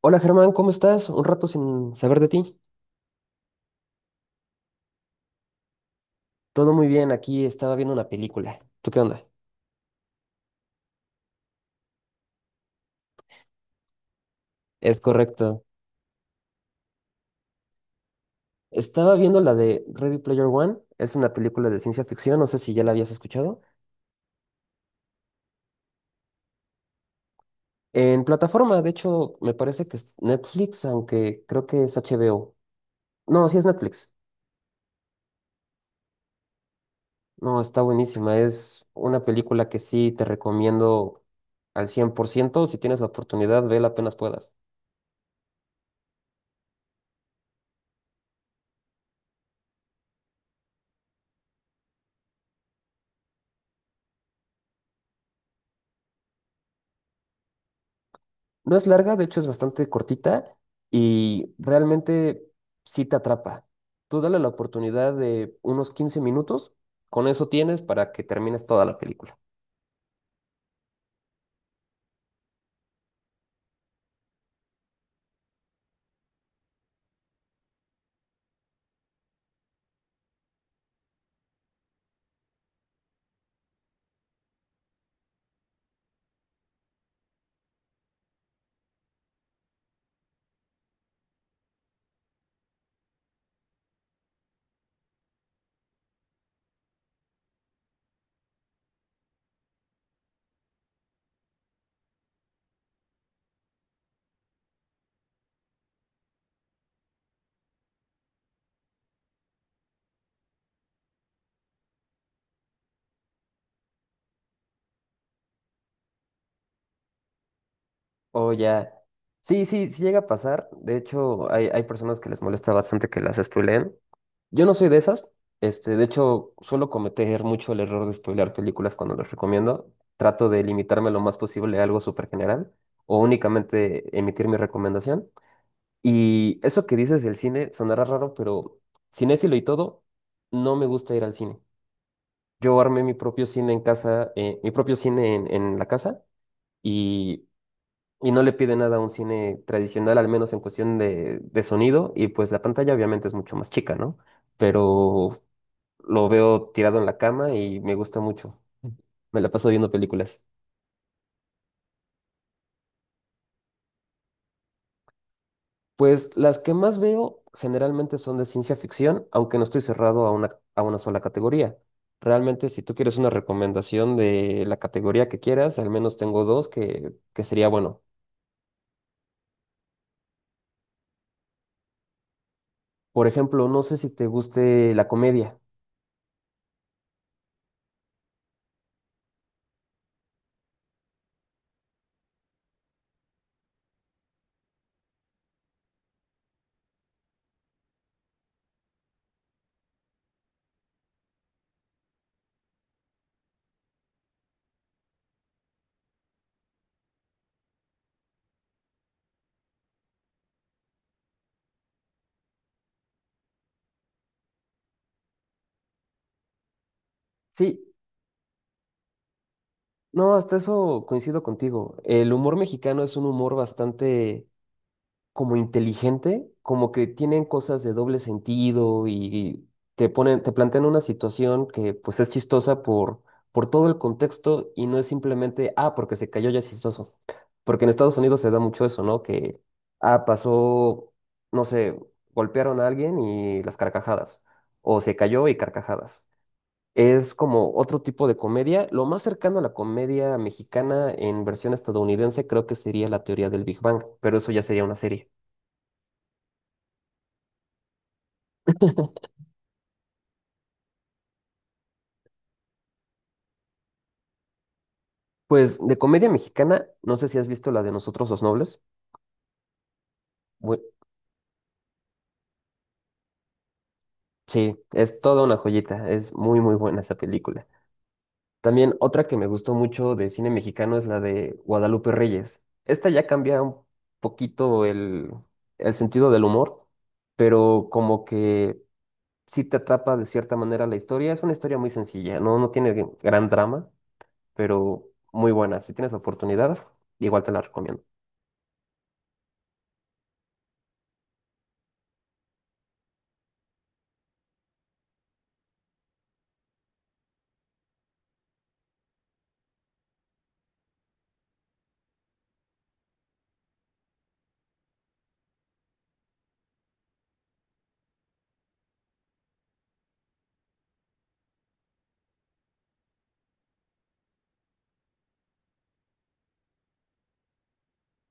Hola Germán, ¿cómo estás? Un rato sin saber de ti. Todo muy bien, aquí estaba viendo una película. ¿Tú qué onda? Es correcto. Estaba viendo la de Ready Player One. Es una película de ciencia ficción, no sé si ya la habías escuchado. En plataforma, de hecho, me parece que es Netflix, aunque creo que es HBO. No, sí es Netflix. No, está buenísima. Es una película que sí te recomiendo al 100%. Si tienes la oportunidad, vela apenas puedas. No es larga, de hecho es bastante cortita y realmente sí te atrapa. Tú dale la oportunidad de unos 15 minutos, con eso tienes para que termines toda la película. O ya. Sí, sí, sí llega a pasar. De hecho, hay personas que les molesta bastante que las spoileen. Yo no soy de esas. De hecho, suelo cometer mucho el error de spoilear películas cuando las recomiendo. Trato de limitarme lo más posible a algo súper general o únicamente emitir mi recomendación. Y eso que dices del cine sonará raro, pero cinéfilo y todo, no me gusta ir al cine. Yo armé mi propio cine en casa, mi propio cine en la casa y, y no le pide nada a un cine tradicional, al menos en cuestión de sonido. Y pues la pantalla obviamente es mucho más chica, ¿no? Pero lo veo tirado en la cama y me gusta mucho. Me la paso viendo películas. Pues las que más veo generalmente son de ciencia ficción, aunque no estoy cerrado a una sola categoría. Realmente, si tú quieres una recomendación de la categoría que quieras, al menos tengo dos que sería bueno. Por ejemplo, no sé si te guste la comedia. Sí, no, hasta eso coincido contigo. El humor mexicano es un humor bastante como inteligente, como que tienen cosas de doble sentido y te plantean una situación que pues es chistosa por todo el contexto y no es simplemente, ah, porque se cayó ya es chistoso. Porque en Estados Unidos se da mucho eso, ¿no? Que, ah, pasó, no sé, golpearon a alguien y las carcajadas, o se cayó y carcajadas. Es como otro tipo de comedia. Lo más cercano a la comedia mexicana en versión estadounidense creo que sería la teoría del Big Bang, pero eso ya sería una serie. Pues de comedia mexicana, no sé si has visto la de Nosotros los Nobles. Bu- sí, es toda una joyita, es muy muy buena esa película. También otra que me gustó mucho de cine mexicano es la de Guadalupe Reyes. Esta ya cambia un poquito el sentido del humor, pero como que sí te atrapa de cierta manera la historia. Es una historia muy sencilla, no, no tiene gran drama, pero muy buena. Si tienes la oportunidad, igual te la recomiendo.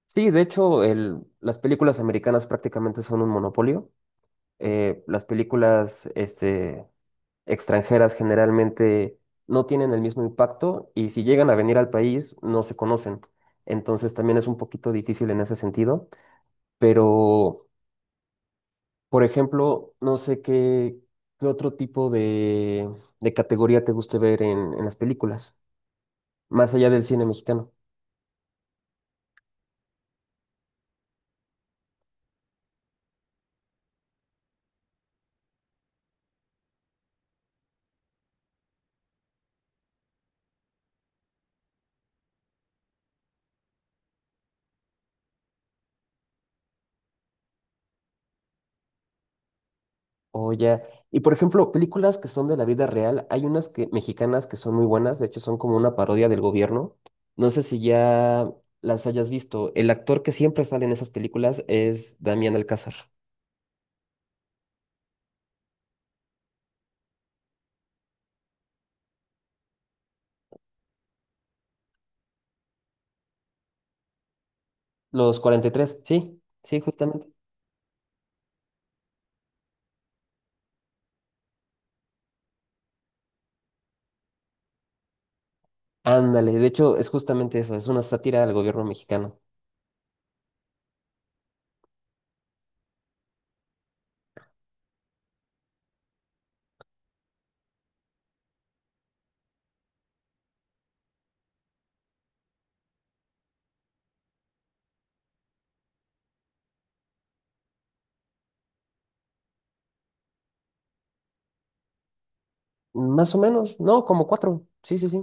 Sí, de hecho, las películas americanas prácticamente son un monopolio. Las películas extranjeras generalmente no tienen el mismo impacto y si llegan a venir al país no se conocen. Entonces también es un poquito difícil en ese sentido. Pero, por ejemplo, no sé qué otro tipo de categoría te guste ver en las películas, más allá del cine mexicano. Oh, ya. Y por ejemplo, películas que son de la vida real, hay unas que mexicanas que son muy buenas, de hecho son como una parodia del gobierno. No sé si ya las hayas visto. El actor que siempre sale en esas películas es Damián Alcázar. Los 43, sí, sí, justamente. Ándale, de hecho es justamente eso, es una sátira al gobierno mexicano. Más o menos, no, como cuatro. Sí, sí, sí.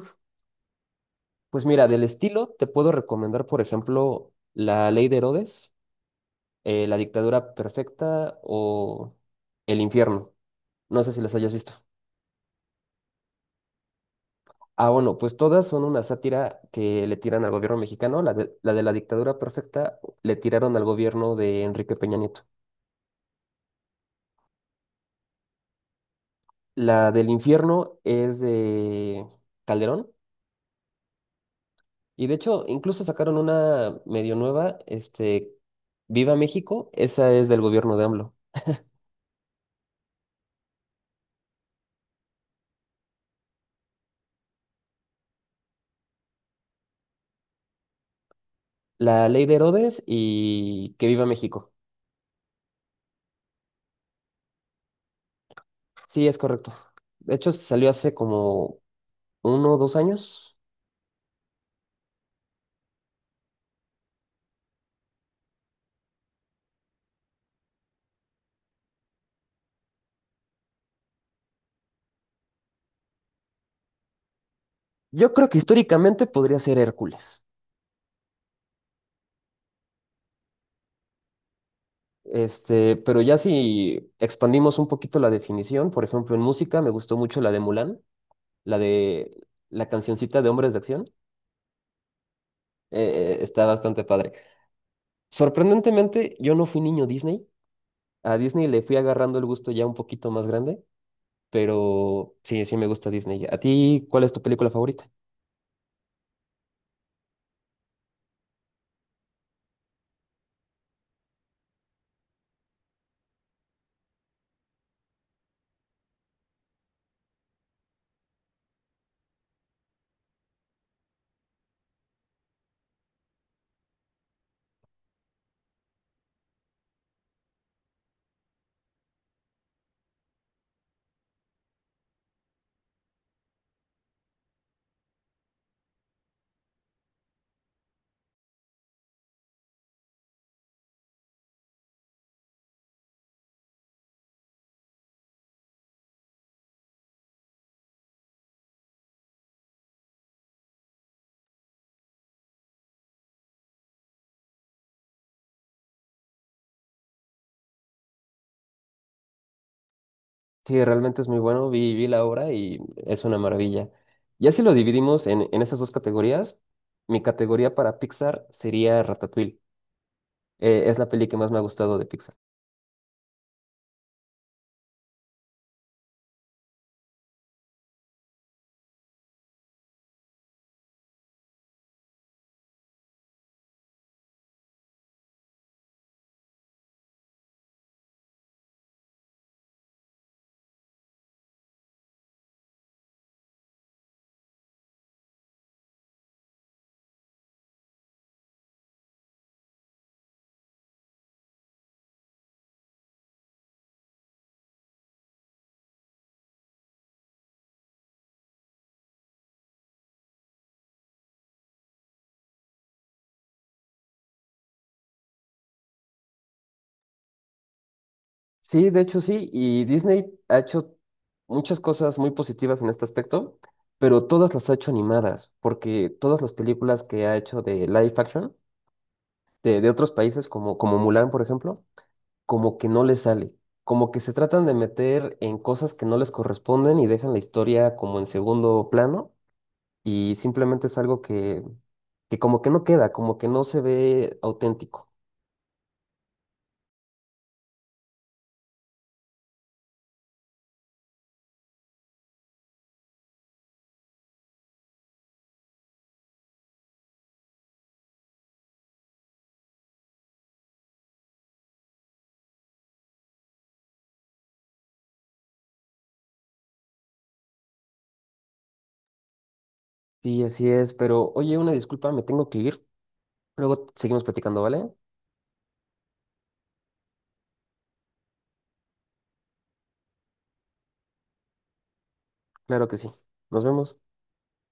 Pues mira, del estilo te puedo recomendar, por ejemplo, La Ley de Herodes, La dictadura perfecta o El infierno. No sé si las hayas visto. Ah, bueno, pues todas son una sátira que le tiran al gobierno mexicano. La de la dictadura perfecta le tiraron al gobierno de Enrique Peña Nieto. La del infierno es de Calderón. Y de hecho, incluso sacaron una medio nueva, Viva México. Esa es del gobierno de AMLO. La ley de Herodes y Que Viva México. Sí, es correcto. De hecho, salió hace como 1 o 2 años. Yo creo que históricamente podría ser Hércules. Pero ya si expandimos un poquito la definición, por ejemplo, en música me gustó mucho la de Mulan, la de la cancioncita de Hombres de Acción, está bastante padre. Sorprendentemente, yo no fui niño Disney. A Disney le fui agarrando el gusto ya un poquito más grande, pero sí, sí me gusta Disney. ¿A ti cuál es tu película favorita? Sí, realmente es muy bueno. Vi la obra y es una maravilla. Ya si lo dividimos en esas dos categorías, mi categoría para Pixar sería Ratatouille. Es la peli que más me ha gustado de Pixar. Sí, de hecho sí, y Disney ha hecho muchas cosas muy positivas en este aspecto, pero todas las ha hecho animadas, porque todas las películas que ha hecho de live action, de otros países como, Mulan, por ejemplo, como que no les sale, como que se tratan de meter en cosas que no les corresponden y dejan la historia como en segundo plano y simplemente es algo que como que no queda, como que no se ve auténtico. Sí, así es, pero oye, una disculpa, me tengo que ir. Luego seguimos platicando, ¿vale? Claro que sí. Nos vemos.